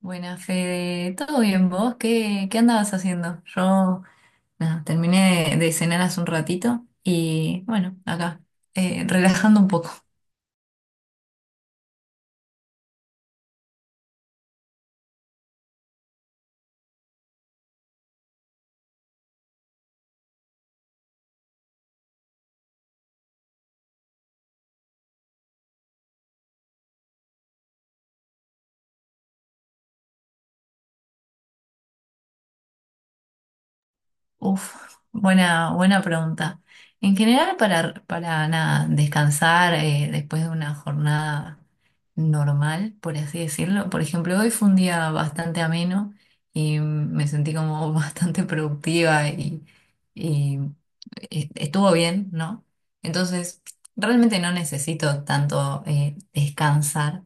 Buena, Fede. ¿Todo bien vos? ¿¿Qué andabas haciendo? Yo, nada, terminé de cenar hace un ratito y bueno, acá, relajando un poco. Uf, buena pregunta. En general, para nada, descansar después de una jornada normal, por así decirlo. Por ejemplo, hoy fue un día bastante ameno y me sentí como bastante productiva y estuvo bien, ¿no? Entonces, realmente no necesito tanto descansar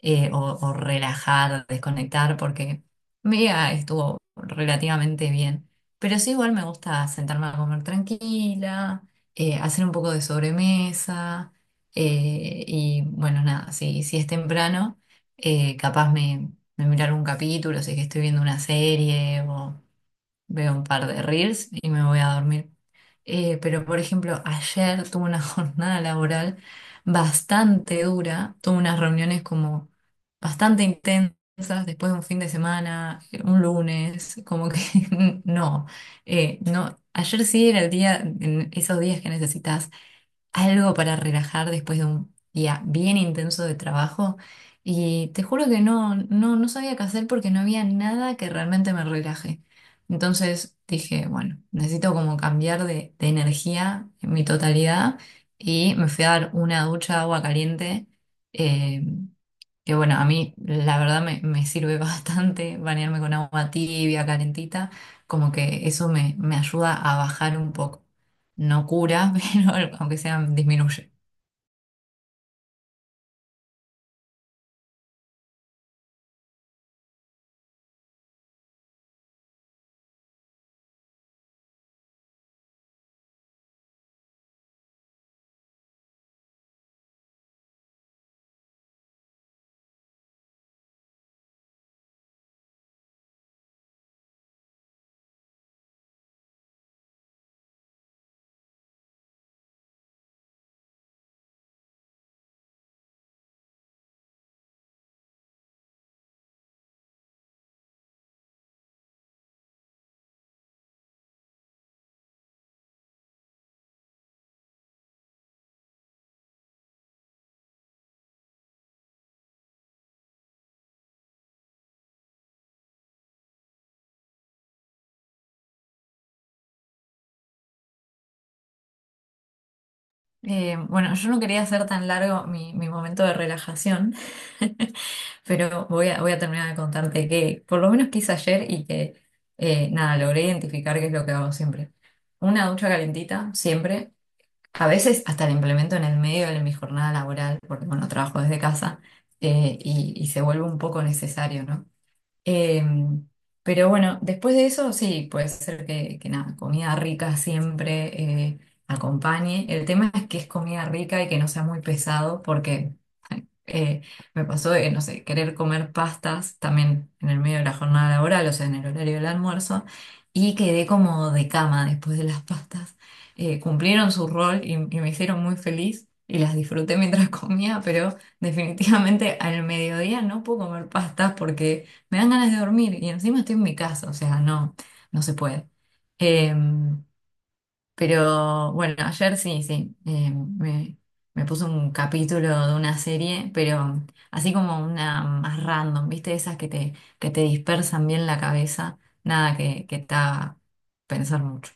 o relajar, desconectar, porque mi día estuvo relativamente bien. Pero sí, igual me gusta sentarme a comer tranquila, hacer un poco de sobremesa, y bueno, nada, si es temprano, eh, capaz me, me mirar un capítulo, si es que estoy viendo una serie o veo un par de reels y me voy a dormir. Pero, por ejemplo, ayer tuve una jornada laboral bastante dura, tuve unas reuniones como bastante intensas después de un fin de semana, un lunes, como que no, no, ayer sí era el día, en esos días que necesitas algo para relajar después de un día bien intenso de trabajo y te juro que no, no sabía qué hacer porque no había nada que realmente me relaje. Entonces dije, bueno, necesito como cambiar de energía en mi totalidad y me fui a dar una ducha de agua caliente. eh, que bueno, a mí la verdad me sirve bastante bañarme con agua tibia, calentita, como que eso me ayuda a bajar un poco, no cura, pero aunque sea disminuye. Bueno, yo no quería hacer tan largo mi momento de relajación, pero voy a terminar de contarte que por lo menos que hice ayer y que nada, logré identificar qué es lo que hago siempre. Una ducha calentita, siempre. A veces hasta la implemento en el medio de mi jornada laboral, porque bueno, trabajo desde casa y se vuelve un poco necesario, ¿no? Eh, pero bueno, después de eso sí, puede ser que nada, comida rica siempre eh, acompañe. El tema es que es comida rica y que no sea muy pesado, porque eh, me pasó de, no sé, querer comer pastas también en el medio de la jornada laboral, o sea, en el horario del almuerzo, y quedé como de cama después de las pastas. Cumplieron su rol y me hicieron muy feliz y las disfruté mientras comía, pero definitivamente al mediodía no puedo comer pastas porque me dan ganas de dormir y encima estoy en mi casa, o sea, no, no se puede. Em, pero bueno, ayer sí, sí, me, me puse un capítulo de una serie, pero así como una más random, ¿viste? Esas que te dispersan bien la cabeza, nada que te haga pensar mucho.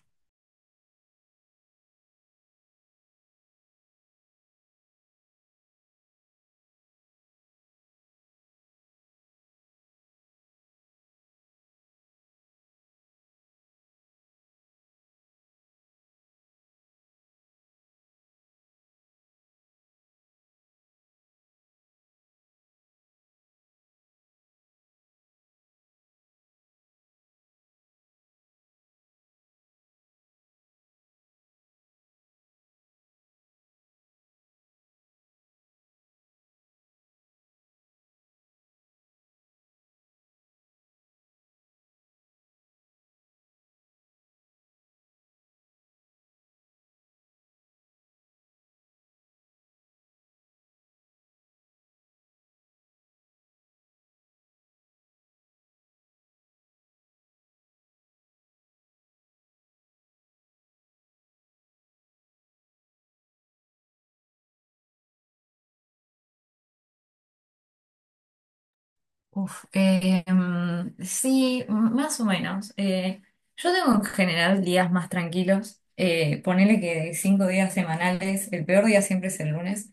Uf, sí, más o menos. Yo tengo en general días más tranquilos. Ponele que de cinco días semanales, el peor día siempre es el lunes.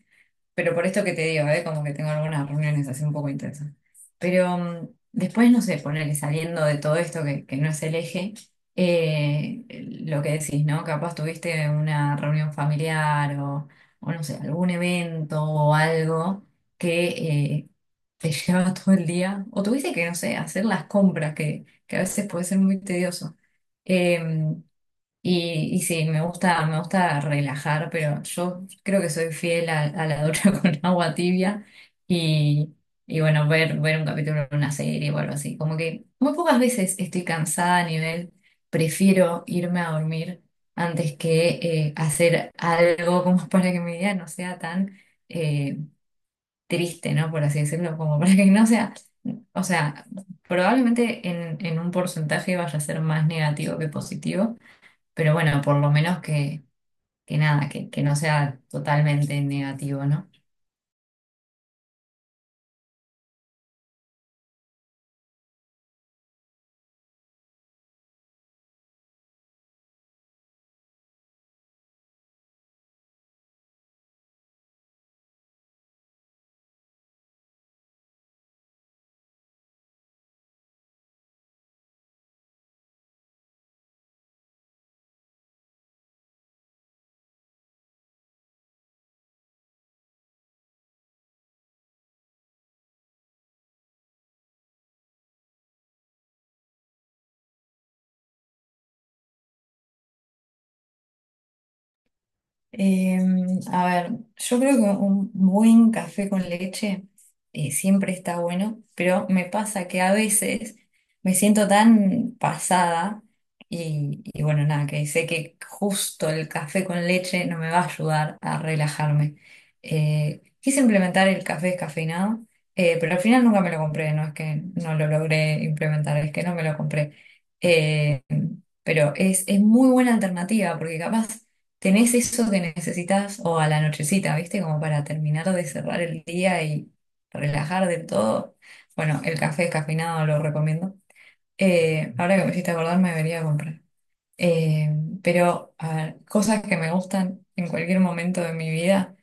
Pero por esto que te digo, ¿eh? Como que tengo algunas reuniones así un poco intensas. Pero después, no sé, ponerle saliendo de todo esto que no es el eje, eh, lo que decís, ¿no? Capaz tuviste una reunión familiar o no sé, algún evento o algo que te llevaba todo el día. O tuviste que, no sé, hacer las compras, que a veces puede ser muy tedioso. Em, y sí, me gusta relajar, pero yo creo que soy fiel a la ducha con agua tibia y, y bueno, ver, ver un capítulo de una serie o algo así. Como que muy pocas veces estoy cansada a nivel, prefiero irme a dormir antes que hacer algo como para que mi día no sea tan eh, triste, ¿no? Por así decirlo, como para que no sea, o sea, probablemente en un porcentaje vaya a ser más negativo que positivo, pero bueno, por lo menos que que no sea totalmente negativo, ¿no? Eh, a ver, yo creo que un buen café con leche siempre está bueno, pero me pasa que a veces me siento tan pasada y bueno, nada, que sé que justo el café con leche no me va a ayudar a relajarme. Quise implementar el café descafeinado, pero al final nunca me lo compré, no es que no lo logré implementar, es que no me lo compré. Eh, pero es muy buena alternativa porque capaz tenés eso que necesitas o a la nochecita, ¿viste? Como para terminar de cerrar el día y relajar de todo. Bueno, el café descafeinado lo recomiendo. Ahora que me hiciste acordar, me debería comprar. Eh, pero, a ver, cosas que me gustan en cualquier momento de mi vida.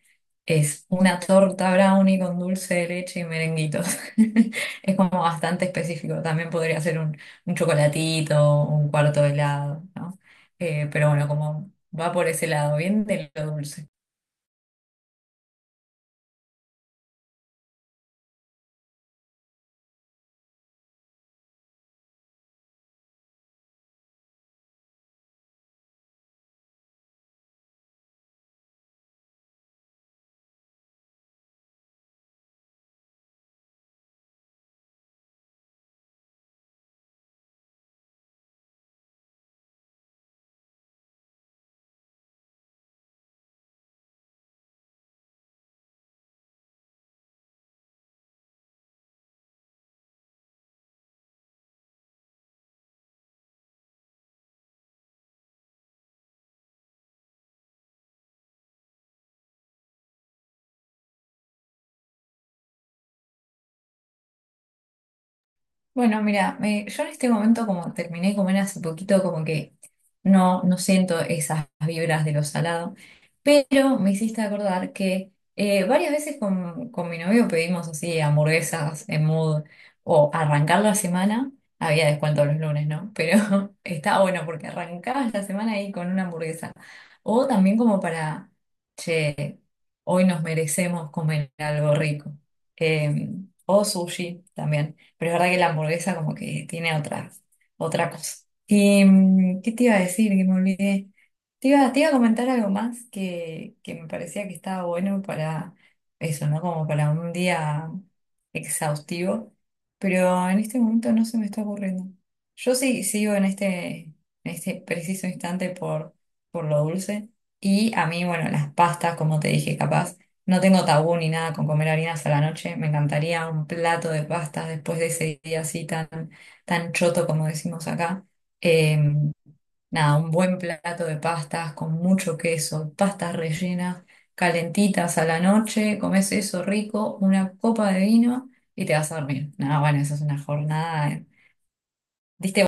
Es una torta brownie con dulce de leche y merenguitos. Es como bastante específico. También podría ser un chocolatito, un cuarto de helado, ¿no? Pero bueno, como va por ese lado, bien de lo dulce. Bueno, mira, yo en este momento como terminé de comer hace poquito, como que no, no siento esas vibras de lo salado, pero me hiciste acordar que varias veces con mi novio pedimos así hamburguesas en mood o arrancar la semana, había descuento los lunes, ¿no? Pero está bueno porque arrancabas la semana ahí con una hamburguesa. O también como para, che, hoy nos merecemos comer algo rico. Em, o sushi también. Pero es verdad que la hamburguesa como que tiene otra, otra cosa. Y, mm, ¿qué te iba a decir? Que me olvidé. Te iba a comentar algo más que me parecía que estaba bueno para eso, ¿no? Como para un día exhaustivo. Pero en este momento no se me está ocurriendo. Yo sí sigo en en este preciso instante por lo dulce. Y a mí, bueno, las pastas, como te dije, capaz. No tengo tabú ni nada con comer harinas a la noche. Me encantaría un plato de pastas después de ese día así tan, tan choto como decimos acá. Eh, Nada, un buen plato de pastas con mucho queso, pastas rellenas, calentitas a la noche, comes eso rico, una copa de vino y te vas a dormir. Nada, bueno, esa es una jornada. Eh. Diste.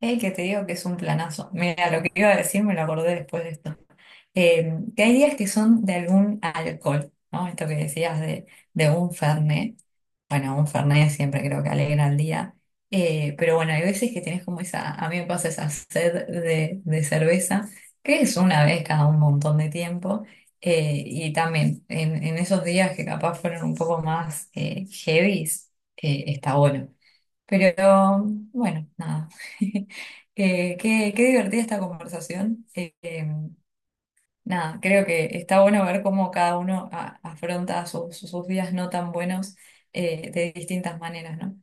Ey, que te digo que es un planazo. Mira, lo que iba a decir me lo acordé después de esto. Que hay días que son de algún alcohol, ¿no? Esto que decías de un fernet. Bueno, un fernet siempre creo que alegra el día. Pero bueno, hay veces que tenés como esa, a mí me pasa esa sed de cerveza, que es una vez cada un montón de tiempo. Y también en esos días que capaz fueron un poco más heavies, está bueno. Pero bueno, nada. Qué, qué divertida esta conversación. Nada, creo que está bueno ver cómo cada uno afronta sus, sus días no tan buenos, de distintas maneras, ¿no?